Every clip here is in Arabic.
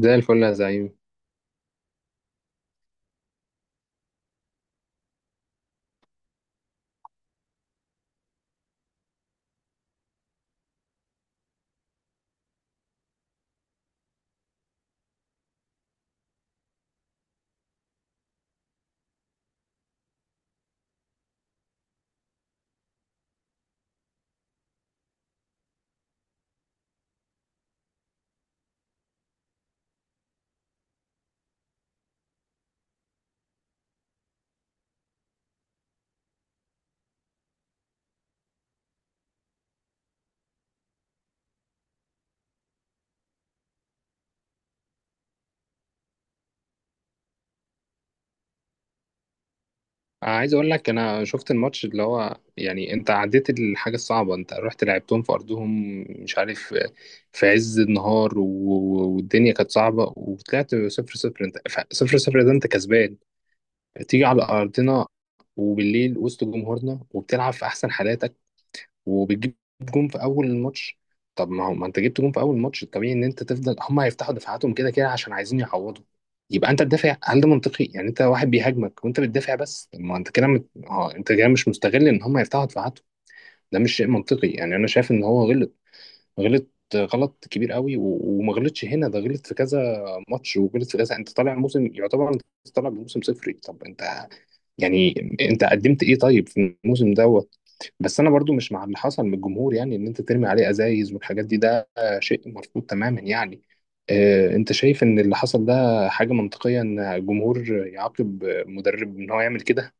زي الفل يا زعيم. عايز اقول لك، انا شفت الماتش اللي هو يعني انت عديت الحاجه الصعبه. انت رحت لعبتهم في ارضهم، مش عارف، في عز النهار والدنيا كانت صعبه وطلعت 0-0. انت 0-0 ده انت كسبان. تيجي على ارضنا وبالليل وسط جمهورنا وبتلعب في احسن حالاتك وبتجيب جون في اول الماتش. طب ما هو، ما انت جبت جون في اول الماتش، الطبيعي ان انت تفضل، هم هيفتحوا دفاعاتهم كده كده عشان عايزين يعوضوا. يبقى انت تدافع؟ هل ده منطقي؟ يعني انت واحد بيهاجمك وانت بتدافع. بس طب ما انت كده مت... اه انت كده مش مستغل ان هم يفتحوا دفاعاتهم. ده مش شيء منطقي. يعني انا شايف ان هو غلط. غلط. غلط كبير قوي وما غلطش هنا، ده غلط في كذا ماتش وغلط في كذا. انت طالع موسم يعتبر انت طالع بموسم صفري. طب انت يعني انت قدمت ايه طيب في الموسم دوت؟ بس انا برضو مش مع اللي حصل من الجمهور، يعني ان انت ترمي عليه ازايز والحاجات دي، ده شيء مرفوض تماما يعني. اه انت شايف ان اللي حصل ده حاجة منطقية، ان الجمهور يعاقب مدرب ان هو يعمل كده؟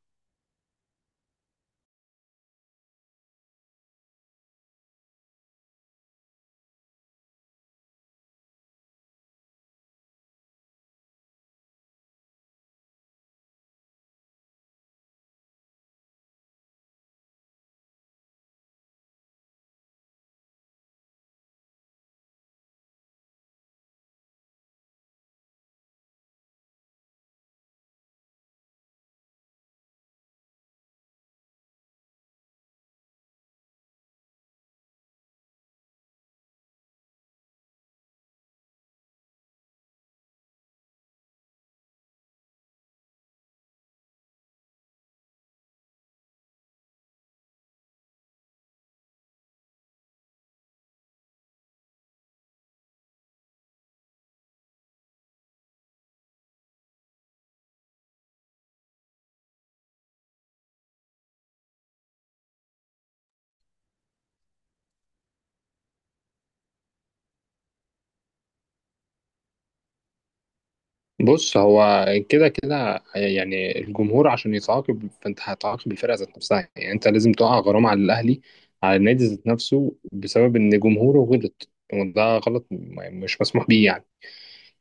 بص، هو كده كده يعني الجمهور عشان يتعاقب فانت هتعاقب الفرقة ذات نفسها، يعني انت لازم تقع غرامة على الاهلي، على النادي ذات نفسه، بسبب ان جمهوره غلط. وده غلط مش مسموح بيه يعني.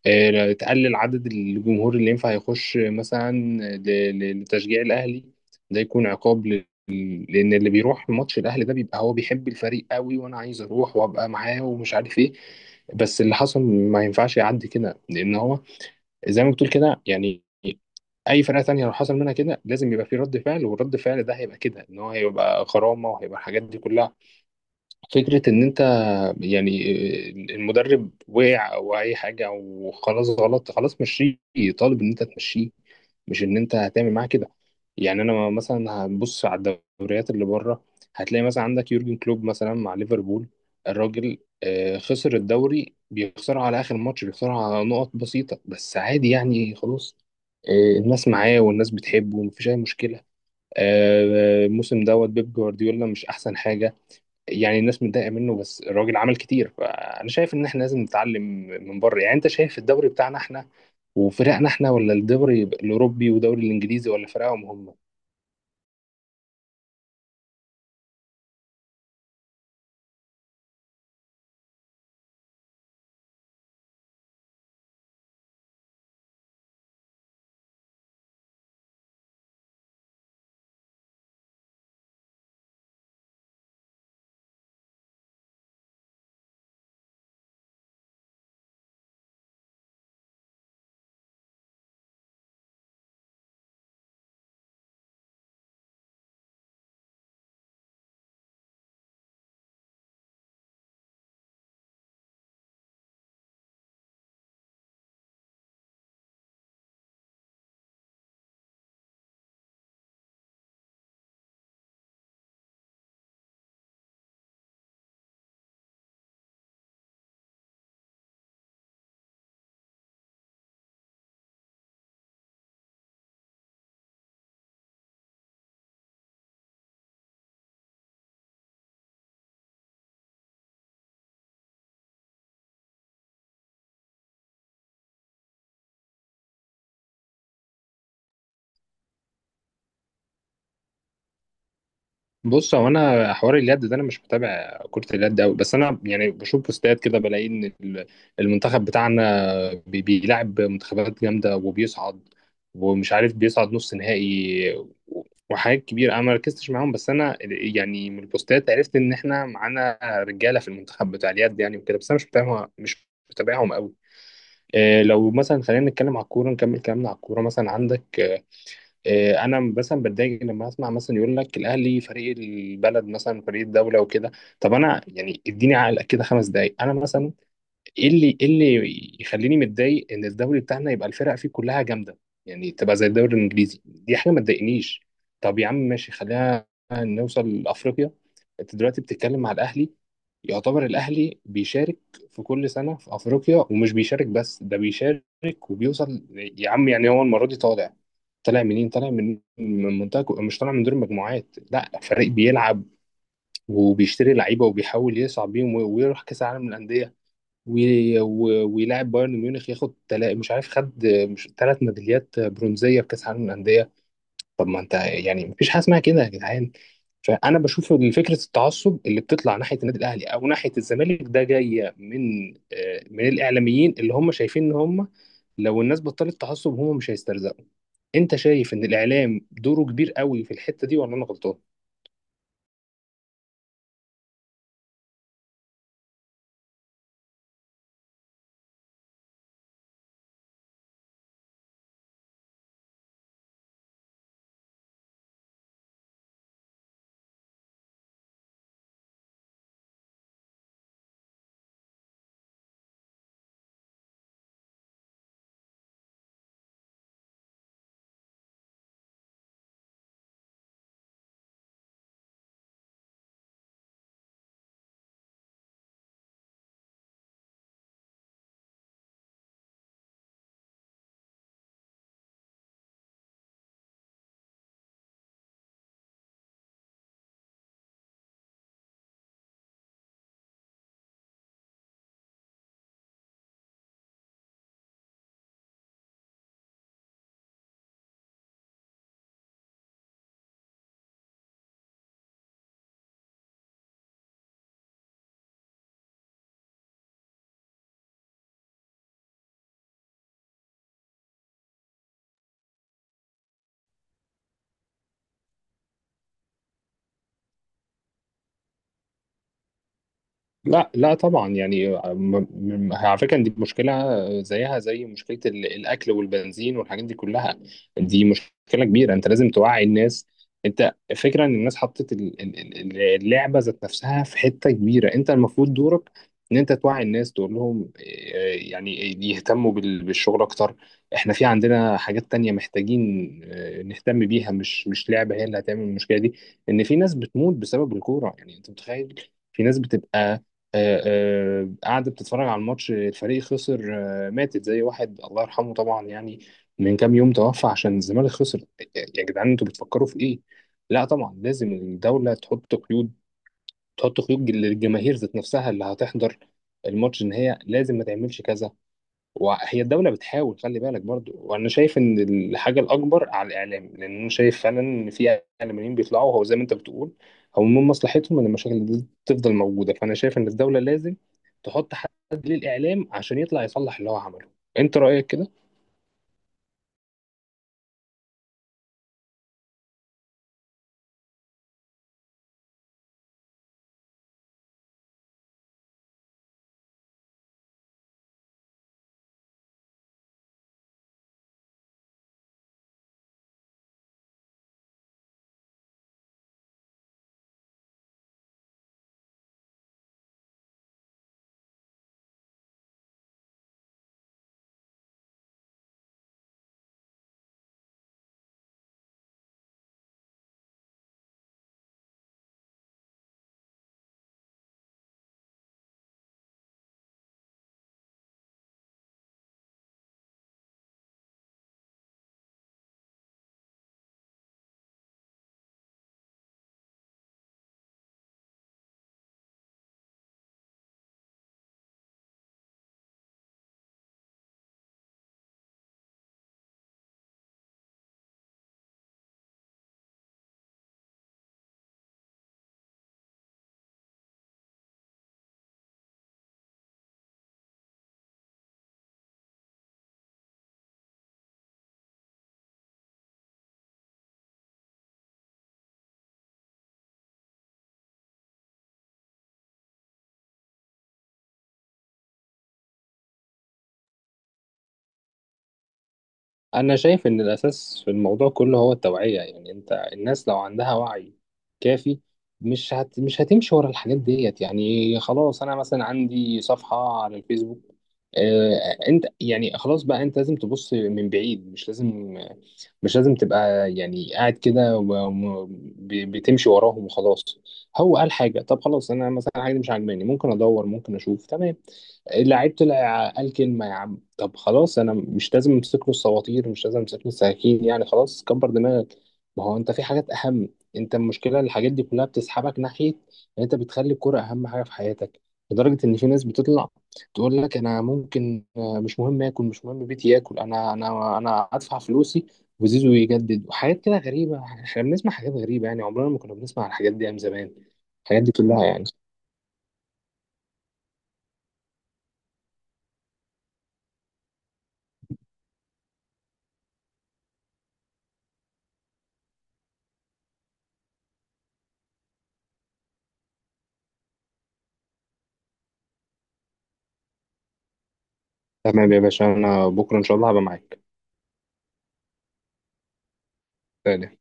تقلل عدد الجمهور اللي ينفع يخش مثلا لتشجيع الأهلي. ده يكون عقاب. لأن اللي بيروح ماتش الأهلي ده بيبقى هو بيحب الفريق قوي، وأنا عايز أروح وأبقى معاه ومش عارف إيه. بس اللي حصل ما ينفعش يعدي كده، لأن هو زي ما بتقول كده. يعني أي فرقة تانية لو حصل منها كده لازم يبقى في رد فعل، والرد فعل ده هيبقى كده إن هو هيبقى غرامة وهيبقى الحاجات دي كلها. فكرة إن أنت يعني المدرب وقع أو أي حاجة وخلاص غلط، خلاص مشيه. طالب إن أنت تمشيه، مش إن أنت هتعمل معاه كده. يعني أنا مثلا هنبص على الدوريات اللي بره. هتلاقي مثلا عندك يورجن كلوب مثلا مع ليفربول، الراجل خسر الدوري، بيخسره على آخر ماتش، بيخسره على نقط بسيطة، بس عادي يعني خلاص. الناس معاه والناس بتحبه ومفيش أي مشكلة. الموسم دوت بيب جوارديولا مش أحسن حاجة، يعني الناس متضايقه منه، بس الراجل عمل كتير. فانا شايف ان احنا لازم نتعلم من بره. يعني انت شايف الدوري بتاعنا احنا وفرقنا احنا، ولا الدوري الاوروبي والدوري الانجليزي ولا فرقهم هم؟ بص، هو انا حوار اليد ده انا مش متابع كرة اليد قوي، بس انا يعني بشوف بوستات كده بلاقي ان المنتخب بتاعنا بيلعب منتخبات جامدة وبيصعد، ومش عارف بيصعد نص نهائي وحاجات كبيرة. انا ما ركزتش معاهم، بس انا يعني من البوستات عرفت ان احنا معانا رجالة في المنتخب بتاع اليد يعني وكده. بس انا مش متابعهم، مش متابعهم قوي. إيه، لو مثلا خلينا نتكلم على الكورة، نكمل كلامنا على الكورة. مثلا عندك، إيه، انا مثلا بتضايق لما اسمع مثلا يقول لك الاهلي فريق البلد مثلا، فريق الدوله وكده. طب انا يعني اديني عقل كده 5 دقائق. انا مثلا، ايه اللي يخليني متضايق ان الدوري بتاعنا يبقى الفرق فيه كلها جامده؟ يعني تبقى زي الدوري الانجليزي. دي حاجه ما تضايقنيش. طب يا عم ماشي، خلينا نوصل لافريقيا. انت دلوقتي بتتكلم مع الاهلي، يعتبر الاهلي بيشارك في كل سنه في افريقيا، ومش بيشارك بس، ده بيشارك وبيوصل يا عم. يعني هو المره دي طالع. طالع منين؟ طالع مش طالع من دور المجموعات. لا، فريق بيلعب وبيشتري لعيبه وبيحاول يصعد بيهم ويروح كاس العالم للانديه، ويلاعب بايرن ميونخ، ياخد مش عارف خد مش 3 ميداليات برونزيه في كاس العالم للانديه. طب ما انت يعني مفيش حاجه اسمها كده يا جدعان. فانا بشوف ان فكره التعصب اللي بتطلع ناحيه النادي الاهلي او ناحيه الزمالك ده جايه من الاعلاميين اللي هم شايفين ان هم لو الناس بطلت تعصب هم مش هيسترزقوا. انت شايف ان الاعلام دوره كبير قوي في الحته دي، ولا انا غلطان؟ لا لا طبعا يعني على فكره دي مشكله زيها زي مشكله الاكل والبنزين والحاجات دي كلها. دي مشكله كبيره، انت لازم توعي الناس. انت فكره ان الناس حطت اللعبه ذات نفسها في حته كبيره. انت المفروض دورك ان انت توعي الناس تقول لهم، يعني، يهتموا بالشغل اكتر. احنا في عندنا حاجات تانية محتاجين نهتم بيها، مش لعبه هي اللي هتعمل المشكله دي. ان في ناس بتموت بسبب الكوره، يعني انت متخيل في ناس بتبقى آه، قاعدة بتتفرج على الماتش، الفريق خسر، ماتت. زي واحد الله يرحمه طبعا يعني من كام يوم توفى عشان الزمالك خسر. يا جدعان انتوا بتفكروا في ايه؟ لا طبعا لازم الدولة تحط قيود، تحط قيود للجماهير ذات نفسها اللي هتحضر الماتش، ان هي لازم ما تعملش كذا. وهي الدولة بتحاول، خلي بالك برضو. وأنا شايف إن الحاجة الأكبر على الإعلام، لأن أنا شايف فعلا إن في إعلاميين بيطلعوا، هو زي ما أنت بتقول، هو من مصلحتهم إن المشاكل دي تفضل موجودة. فأنا شايف إن الدولة لازم تحط حد للإعلام عشان يطلع يصلح اللي هو عمله. أنت رأيك كده؟ أنا شايف إن الأساس في الموضوع كله هو التوعية. يعني أنت الناس لو عندها وعي كافي مش هتمشي ورا الحاجات ديت. يعني خلاص أنا مثلا عندي صفحة على الفيسبوك. أنت يعني خلاص بقى، أنت لازم تبص من بعيد، مش لازم تبقى يعني قاعد كده بتمشي وراهم وخلاص. هو قال حاجة، طب خلاص أنا مثلا حاجة دي مش عاجباني ممكن أدور ممكن أشوف تمام. لعيبته قال كلمة يا عم، طب خلاص أنا مش لازم أمسك له السواطير، مش لازم أمسك له السكاكين، يعني خلاص كبر دماغك. ما هو أنت في حاجات أهم. أنت المشكلة الحاجات دي كلها بتسحبك ناحية إن أنت بتخلي الكرة أهم حاجة في حياتك. لدرجة إن في ناس بتطلع تقول لك أنا ممكن، مش مهم آكل، مش مهم بيتي، آكل أنا أدفع فلوسي وزيزو يجدد وحاجات كده غريبة. إحنا بنسمع حاجات غريبة، يعني عمرنا ما كنا بنسمع الحاجات دي أيام زمان. الحاجات دي كلها يعني. تمام يا باشا، أنا بكرة إن شاء الله هبقى معاك. سلام.